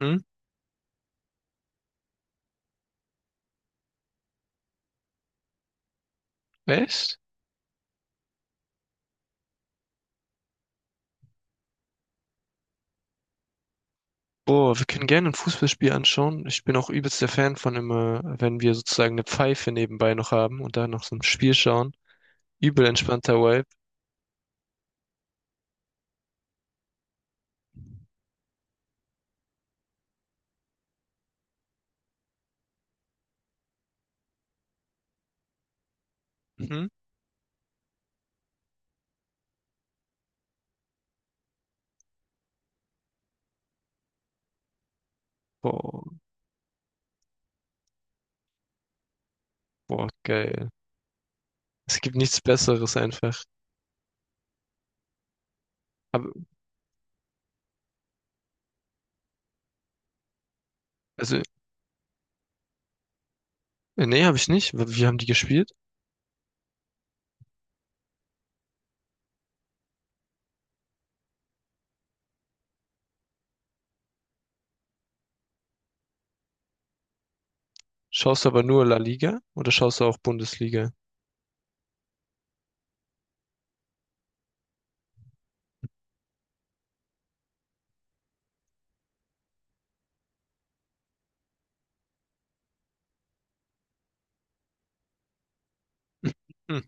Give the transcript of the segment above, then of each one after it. Hm? Echt? Boah, wir können gerne ein Fußballspiel anschauen. Ich bin auch übelst der Fan von immer, wenn wir sozusagen eine Pfeife nebenbei noch haben und da noch so ein Spiel schauen. Übel entspannter Vibe. Mhm. Boah, boah, geil. Es gibt nichts Besseres einfach. Aber, also, nee, habe ich nicht. Wie haben die gespielt? Schaust du aber nur La Liga oder schaust du auch Bundesliga? Hm.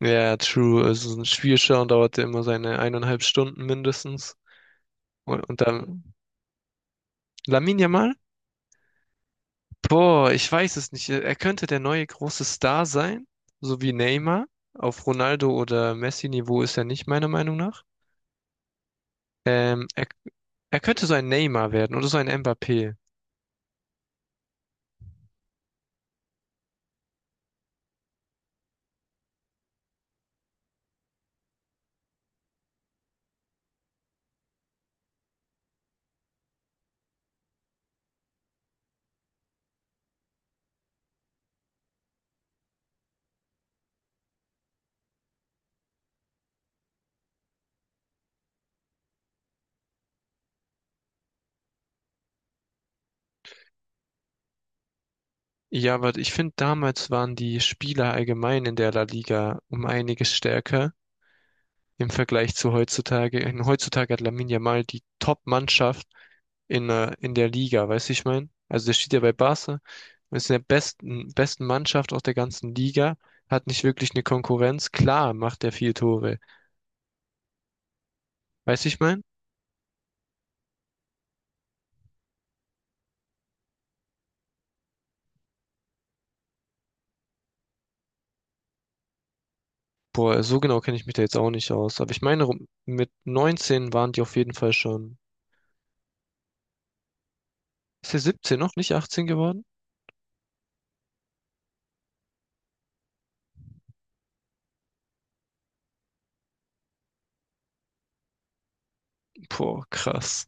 Ja, true. Also so ein Spiel schauen dauert ja immer seine 1,5 Stunden mindestens. Und dann Lamine Yamal? Boah, ich weiß es nicht. Er könnte der neue große Star sein, so wie Neymar. Auf Ronaldo oder Messi-Niveau ist er nicht, meiner Meinung nach. Ähm, er, er könnte so ein Neymar werden oder so ein Mbappé. Ja, aber ich finde, damals waren die Spieler allgemein in der La Liga um einiges stärker. Im Vergleich zu heutzutage. Und heutzutage hat Lamine Yamal die Top-Mannschaft in der Liga, weißt du, ich meine? Also der steht ja bei Barca und ist in der besten Mannschaft aus der ganzen Liga, hat nicht wirklich eine Konkurrenz. Klar macht er viel Tore, weißt du, ich meine? Boah, so genau kenne ich mich da jetzt auch nicht aus. Aber ich meine, mit 19 waren die auf jeden Fall schon. Ist er 17 noch, nicht 18 geworden? Boah, krass.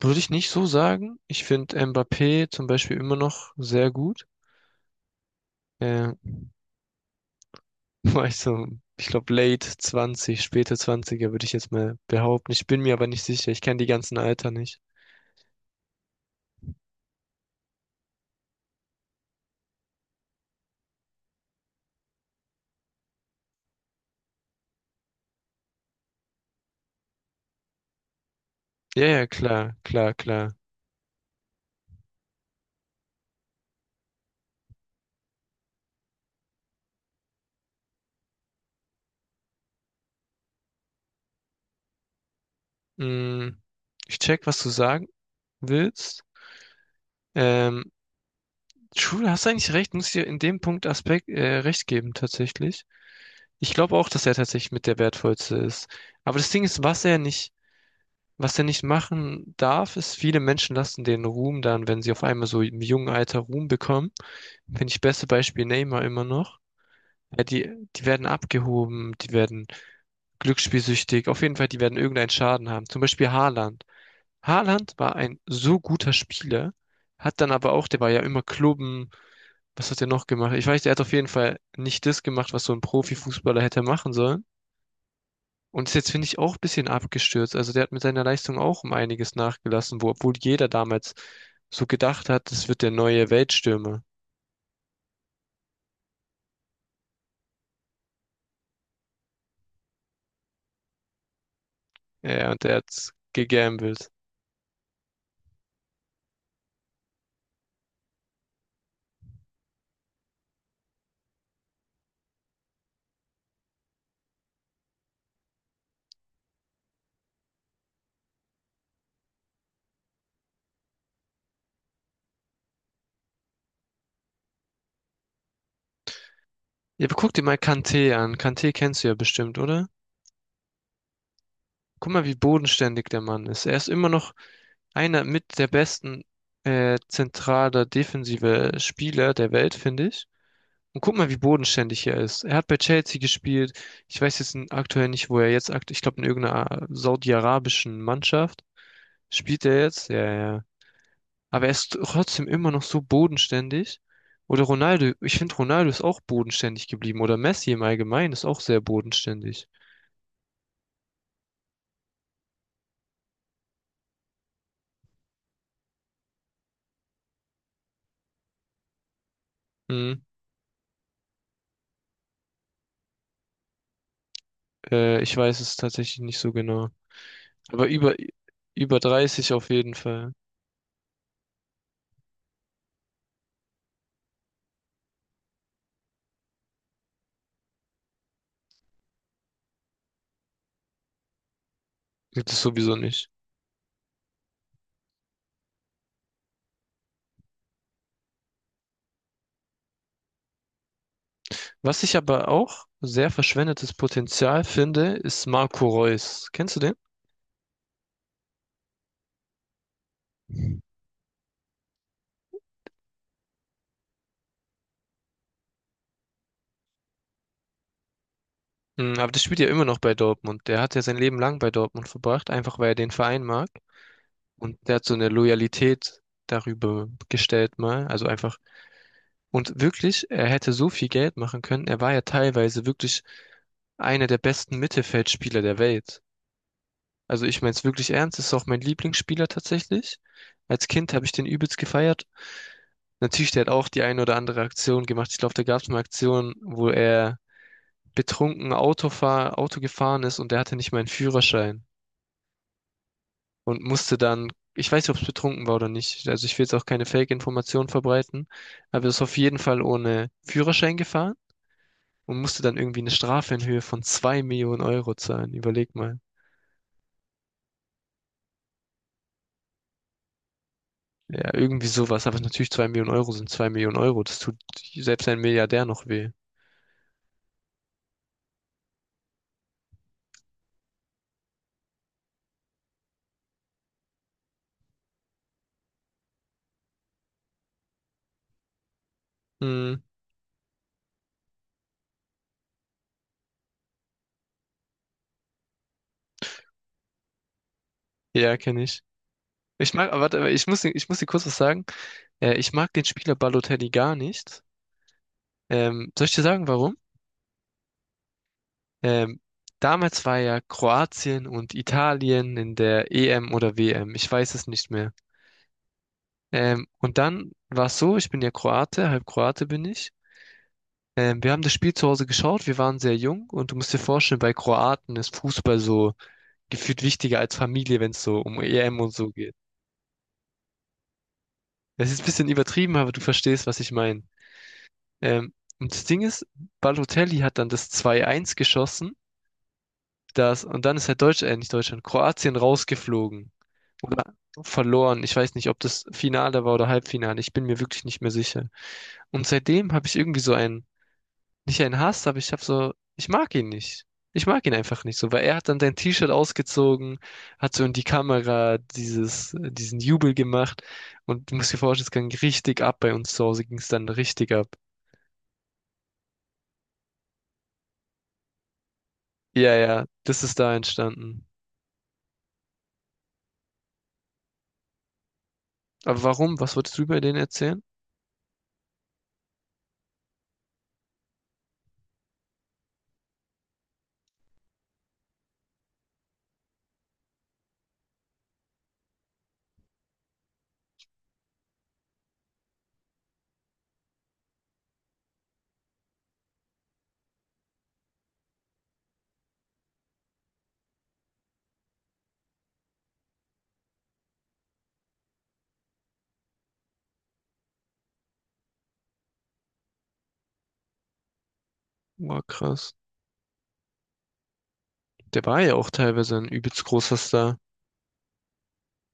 Würde ich nicht so sagen. Ich finde Mbappé zum Beispiel immer noch sehr gut. Ähm, War ich so, ich glaube, late 20, späte 20er würde ich jetzt mal behaupten. Ich bin mir aber nicht sicher. Ich kenne die ganzen Alter nicht. Ja, ja, klar, klar, klar. Mm, ich check, was du sagen willst. Ähm, True, hast eigentlich recht, muss ich dir in dem Punkt Aspekt recht geben, tatsächlich. Ich glaube auch, dass er tatsächlich mit der wertvollste ist. Aber das Ding ist, was der nicht machen darf, ist, viele Menschen lassen den Ruhm dann, wenn sie auf einmal so im jungen Alter Ruhm bekommen. Finde ich beste Beispiel Neymar immer noch. Ja, die werden abgehoben, die werden glücksspielsüchtig. Auf jeden Fall, die werden irgendeinen Schaden haben. Zum Beispiel Haaland. Haaland war ein so guter Spieler, hat dann aber auch, der war ja immer klubben. Was hat er noch gemacht? Ich weiß, er hat auf jeden Fall nicht das gemacht, was so ein Profifußballer hätte machen sollen. Und ist jetzt, finde ich, auch ein bisschen abgestürzt. Also der hat mit seiner Leistung auch um einiges nachgelassen, wo, obwohl jeder damals so gedacht hat, das wird der neue Weltstürmer. Ja, ja, und der hat's gegambelt. Ja, aber guck dir mal Kanté an. Kanté kennst du ja bestimmt, oder? Guck mal, wie bodenständig der Mann ist. Er ist immer noch einer mit der besten zentraler defensive Spieler der Welt, finde ich. Und guck mal, wie bodenständig er ist. Er hat bei Chelsea gespielt. Ich weiß jetzt aktuell nicht, wo er jetzt aktuell, ich glaube in irgendeiner saudi-arabischen Mannschaft spielt er jetzt. Ja, ja. Aber er ist trotzdem immer noch so bodenständig. Oder Ronaldo, ich finde Ronaldo ist auch bodenständig geblieben. Oder Messi im Allgemeinen ist auch sehr bodenständig. Hm, ich weiß es tatsächlich nicht so genau. Aber über 30 auf jeden Fall. Gibt es sowieso nicht. Was ich aber auch sehr verschwendetes Potenzial finde, ist Marco Reus. Kennst du den? Mm, aber der spielt ja immer noch bei Dortmund. Der hat ja sein Leben lang bei Dortmund verbracht, einfach weil er den Verein mag. Und der hat so eine Loyalität darüber gestellt mal. Also einfach. Und wirklich, er hätte so viel Geld machen können. Er war ja teilweise wirklich einer der besten Mittelfeldspieler der Welt. Also ich meine es wirklich ernst, ist auch mein Lieblingsspieler tatsächlich. Als Kind habe ich den übelst gefeiert. Natürlich, der hat auch die eine oder andere Aktion gemacht. Ich glaube, da gab es eine Aktion, wo er betrunken Auto gefahren ist und der hatte nicht mal einen Führerschein und musste dann, ich weiß nicht, ob es betrunken war oder nicht. Also ich will jetzt auch keine Fake-Informationen verbreiten, aber er ist auf jeden Fall ohne Führerschein gefahren und musste dann irgendwie eine Strafe in Höhe von 2 Millionen Euro zahlen. Überleg mal. Ja, irgendwie sowas. Aber natürlich 2 Millionen Euro sind 2 Millionen Euro. Das tut selbst ein Milliardär noch weh. Hm, ja, kenne ich. Ich mag, aber warte, aber ich muss dir kurz was sagen. Ich mag den Spieler Balotelli gar nicht. Soll ich dir sagen, warum? Ähm, Damals war ja Kroatien und Italien in der EM oder WM. Ich weiß es nicht mehr. Und dann war es so, ich bin ja Kroate, halb Kroate bin ich. Wir haben das Spiel zu Hause geschaut, wir waren sehr jung und du musst dir vorstellen, bei Kroaten ist Fußball so gefühlt wichtiger als Familie, wenn es so um EM und so geht. Es ist ein bisschen übertrieben, aber du verstehst, was ich meine. Ähm, und das Ding ist, Balotelli hat dann das 2-1 geschossen. Das, und dann ist halt Deutschland, nicht Deutschland, Kroatien rausgeflogen oder verloren. Ich weiß nicht, ob das Finale war oder Halbfinale. Ich bin mir wirklich nicht mehr sicher. Und seitdem habe ich irgendwie so einen, nicht einen Hass, aber ich habe so, ich mag ihn nicht. Ich mag ihn einfach nicht so, weil er hat dann sein T-Shirt ausgezogen, hat so in die Kamera dieses, diesen Jubel gemacht und du musst dir vorstellen, es ging richtig ab bei uns zu Hause, ging es dann richtig ab. Ja, ja, das ist da entstanden. Aber warum? Was wolltest du über den erzählen? War krass. Der war ja auch teilweise ein übelst großer Star.